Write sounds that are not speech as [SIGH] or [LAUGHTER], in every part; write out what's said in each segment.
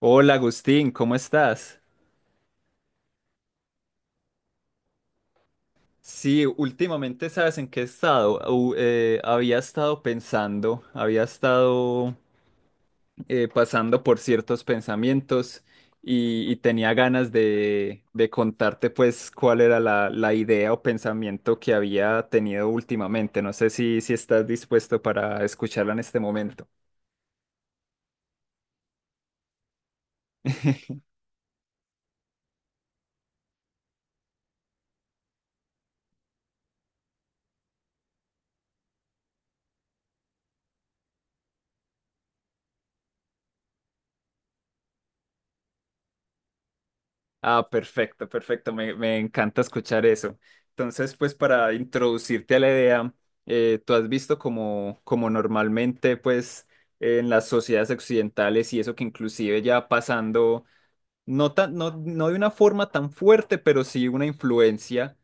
Hola Agustín, ¿cómo estás? Sí, últimamente sabes en qué he estado. Había estado pensando, había estado pasando por ciertos pensamientos y tenía ganas de contarte pues cuál era la idea o pensamiento que había tenido últimamente. No sé si estás dispuesto para escucharla en este momento. [LAUGHS] Ah, perfecto, perfecto. Me encanta escuchar eso. Entonces, pues para introducirte a la idea, tú has visto como normalmente, pues en las sociedades occidentales y eso que inclusive ya pasando, no de una forma tan fuerte, pero sí una influencia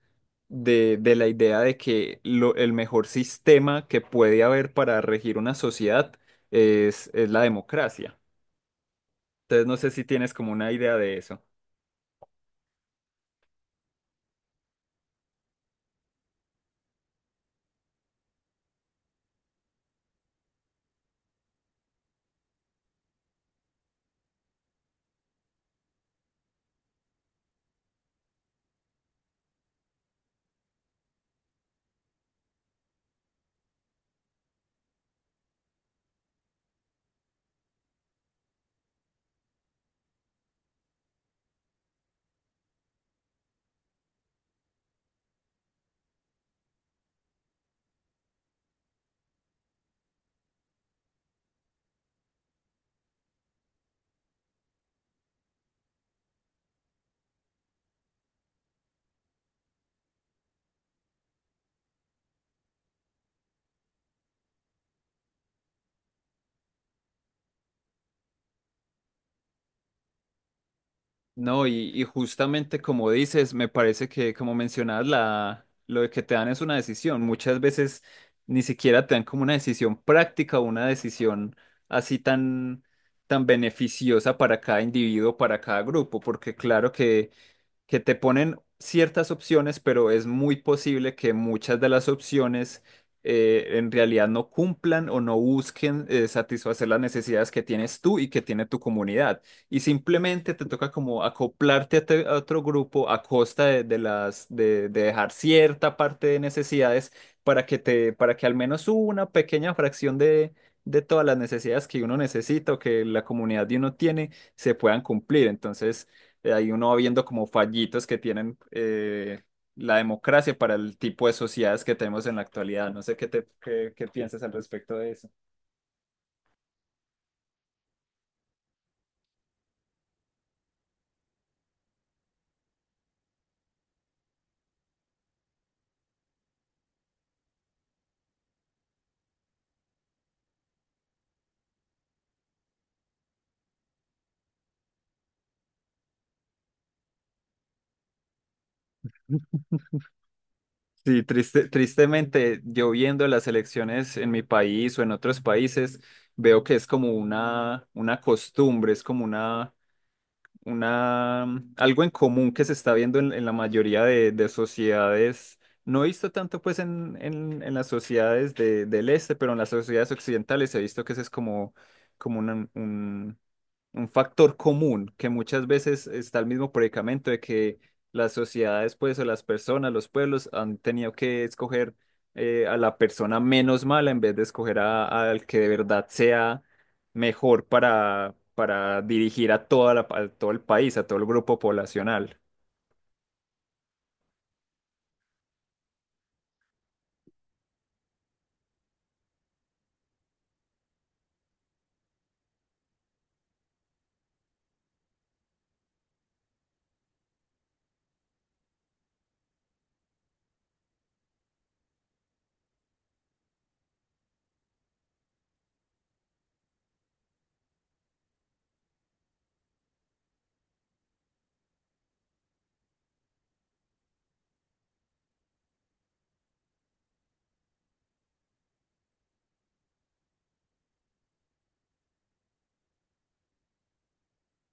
de la idea de que el mejor sistema que puede haber para regir una sociedad es la democracia. Entonces, no sé si tienes como una idea de eso. No, y justamente como dices, me parece que como mencionabas, lo de que te dan es una decisión. Muchas veces ni siquiera te dan como una decisión práctica, una decisión así tan, tan beneficiosa para cada individuo, para cada grupo, porque claro que te ponen ciertas opciones, pero es muy posible que muchas de las opciones en realidad no cumplan o no busquen satisfacer las necesidades que tienes tú y que tiene tu comunidad. Y simplemente te toca como acoplarte a otro grupo a costa de dejar cierta parte de necesidades para que te, para que al menos una pequeña fracción de de todas las necesidades que uno necesita o que la comunidad de uno tiene se puedan cumplir. Entonces, ahí uno va viendo como fallitos que tienen la democracia para el tipo de sociedades que tenemos en la actualidad. No sé qué piensas al respecto de eso. Sí, triste, tristemente, yo viendo las elecciones en mi país o en otros países, veo que es como una costumbre, es como una algo en común que se está viendo en la mayoría de sociedades, no he visto tanto pues en las sociedades del este, pero en las sociedades occidentales he visto que ese es como, como una- un, un factor común, que muchas veces está el mismo predicamento de que las sociedades pues o las personas, los pueblos han tenido que escoger a la persona menos mala en vez de escoger al que de verdad sea mejor para dirigir a a todo el país, a todo el grupo poblacional.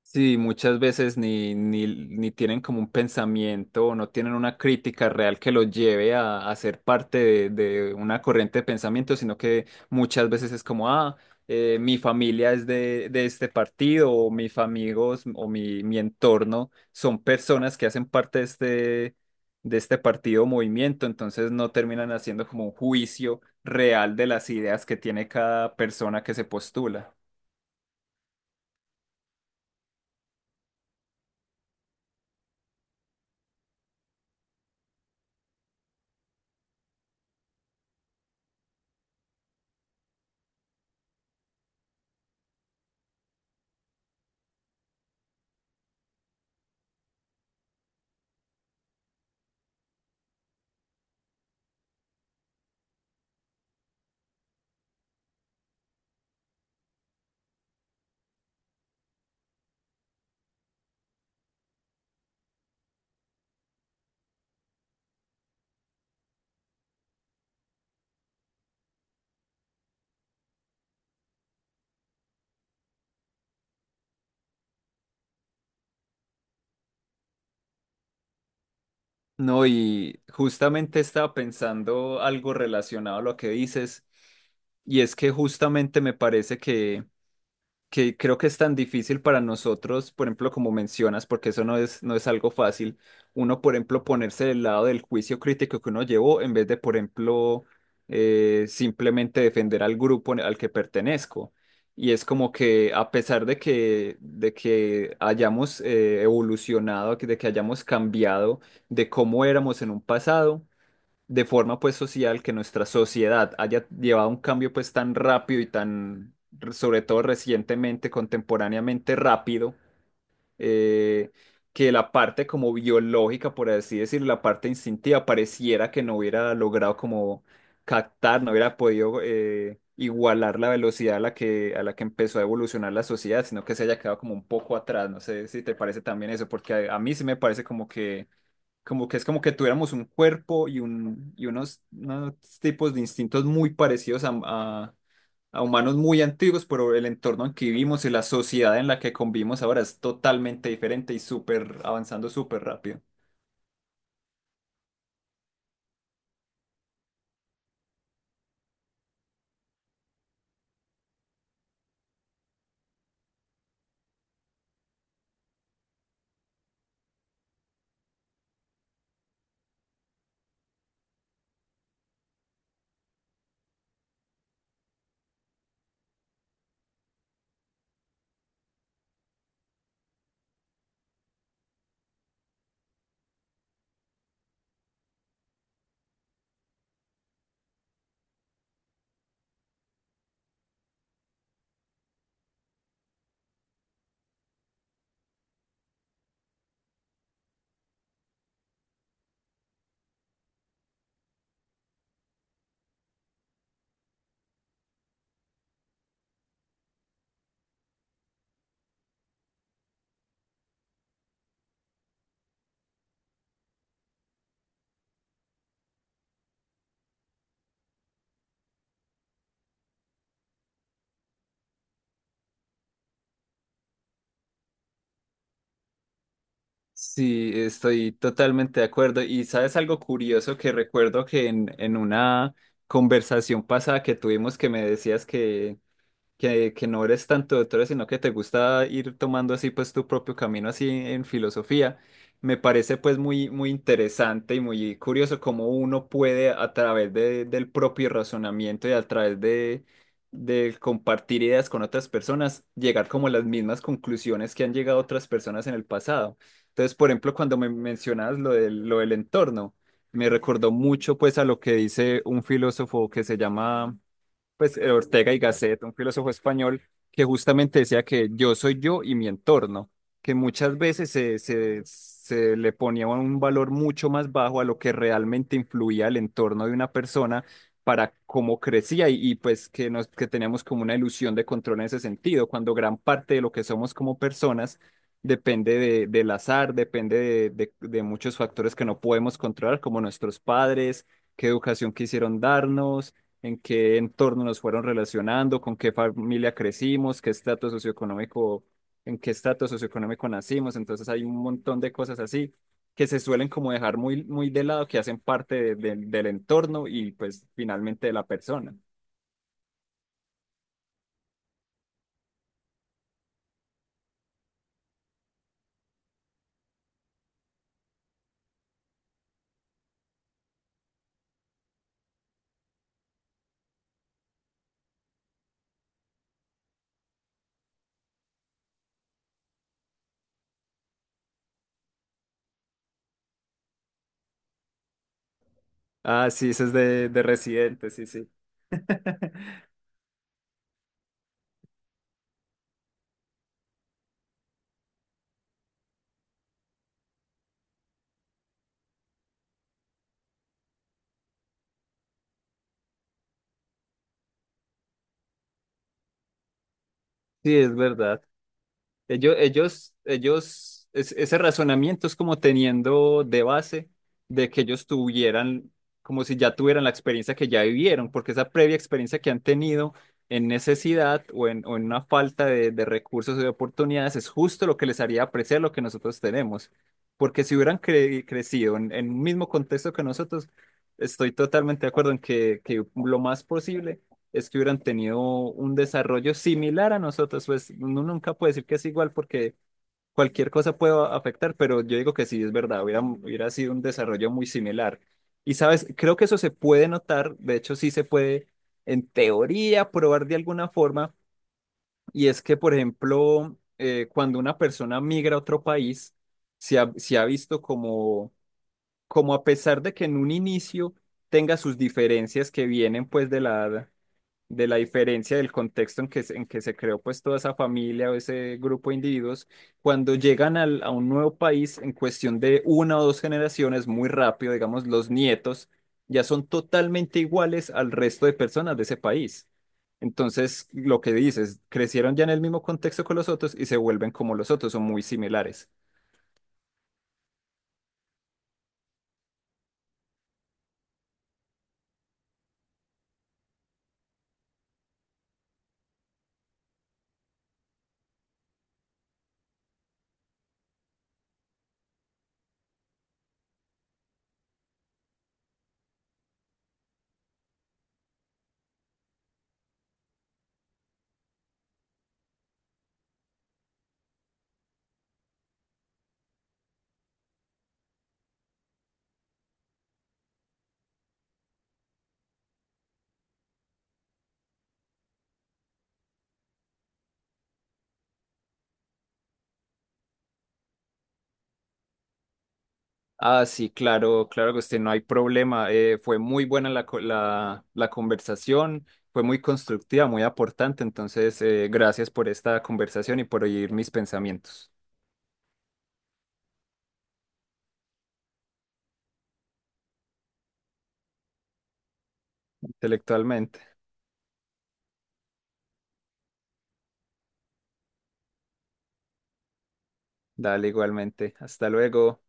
Sí, muchas veces ni tienen como un pensamiento o no tienen una crítica real que los lleve a ser parte de una corriente de pensamiento, sino que muchas veces es como, ah, mi familia es de este partido o mis amigos o mi entorno son personas que hacen parte de este partido o movimiento, entonces no terminan haciendo como un juicio real de las ideas que tiene cada persona que se postula. No, y justamente estaba pensando algo relacionado a lo que dices, y es que justamente me parece que creo que es tan difícil para nosotros, por ejemplo, como mencionas, porque eso no es, no es algo fácil, uno, por ejemplo, ponerse del lado del juicio crítico que uno llevó en vez de, por ejemplo, simplemente defender al grupo al que pertenezco. Y es como que a pesar de que hayamos evolucionado, de que hayamos cambiado de cómo éramos en un pasado, de forma pues social que nuestra sociedad haya llevado un cambio pues tan rápido y tan, sobre todo recientemente, contemporáneamente rápido, eh, que la parte como biológica, por así decirlo, la parte instintiva pareciera que no hubiera logrado como captar, no hubiera podido igualar la velocidad a la que empezó a evolucionar la sociedad, sino que se haya quedado como un poco atrás. No sé si te parece también eso, porque a mí sí me parece como que es como que tuviéramos un cuerpo unos tipos de instintos muy parecidos a humanos muy antiguos, pero el entorno en que vivimos y la sociedad en la que convivimos ahora es totalmente diferente y súper avanzando súper rápido. Sí, estoy totalmente de acuerdo. Y sabes algo curioso que recuerdo que en una conversación pasada que tuvimos que me decías que que no eres tanto doctora, sino que te gusta ir tomando así pues tu propio camino así en filosofía. Me parece pues muy, muy interesante y muy curioso cómo uno puede a través del propio razonamiento y a través de compartir ideas con otras personas, llegar como a las mismas conclusiones que han llegado otras personas en el pasado. Entonces, por ejemplo, cuando me mencionas lo del entorno, me recordó mucho pues a lo que dice un filósofo que se llama pues Ortega y Gasset, un filósofo español que justamente decía que yo soy yo y mi entorno, que muchas veces se le ponía un valor mucho más bajo a lo que realmente influía el entorno de una persona para cómo crecía pues que, nos, que teníamos como una ilusión de control en ese sentido, cuando gran parte de lo que somos como personas depende del azar, depende de muchos factores que no podemos controlar, como nuestros padres, qué educación quisieron darnos en qué entorno nos fueron relacionando, con qué familia crecimos, qué estatus socioeconómico, en qué estatus socioeconómico nacimos. Entonces hay un montón de cosas así que se suelen como dejar muy, muy de lado, que hacen parte del entorno y pues finalmente de la persona. Ah, sí, eso es de Residente, sí, sí. [LAUGHS] Sí, es verdad. Ellos, ese razonamiento es como teniendo de base de que ellos tuvieran, como si ya tuvieran la experiencia que ya vivieron, porque esa previa experiencia que han tenido en necesidad o en una falta de recursos o de oportunidades es justo lo que les haría apreciar lo que nosotros tenemos. Porque si hubieran crecido en un mismo contexto que nosotros, estoy totalmente de acuerdo en que lo más posible es que hubieran tenido un desarrollo similar a nosotros. Pues uno nunca puede decir que es igual porque cualquier cosa puede afectar, pero yo digo que sí, es verdad, hubiera, hubiera sido un desarrollo muy similar. Y sabes, creo que eso se puede notar, de hecho sí se puede en teoría probar de alguna forma, y es que, por ejemplo, cuando una persona migra a otro país, se ha visto como, como a pesar de que en un inicio tenga sus diferencias que vienen pues de la diferencia del contexto en que, en que se creó pues toda esa familia o ese grupo de individuos, cuando llegan a un nuevo país en cuestión de una o dos generaciones, muy rápido, digamos, los nietos ya son totalmente iguales al resto de personas de ese país. Entonces, lo que dices, crecieron ya en el mismo contexto que los otros y se vuelven como los otros, son muy similares. Ah, sí, claro, claro que usted no hay problema. Fue muy buena la conversación, fue muy constructiva, muy aportante. Entonces, gracias por esta conversación y por oír mis pensamientos intelectualmente. Dale igualmente. Hasta luego.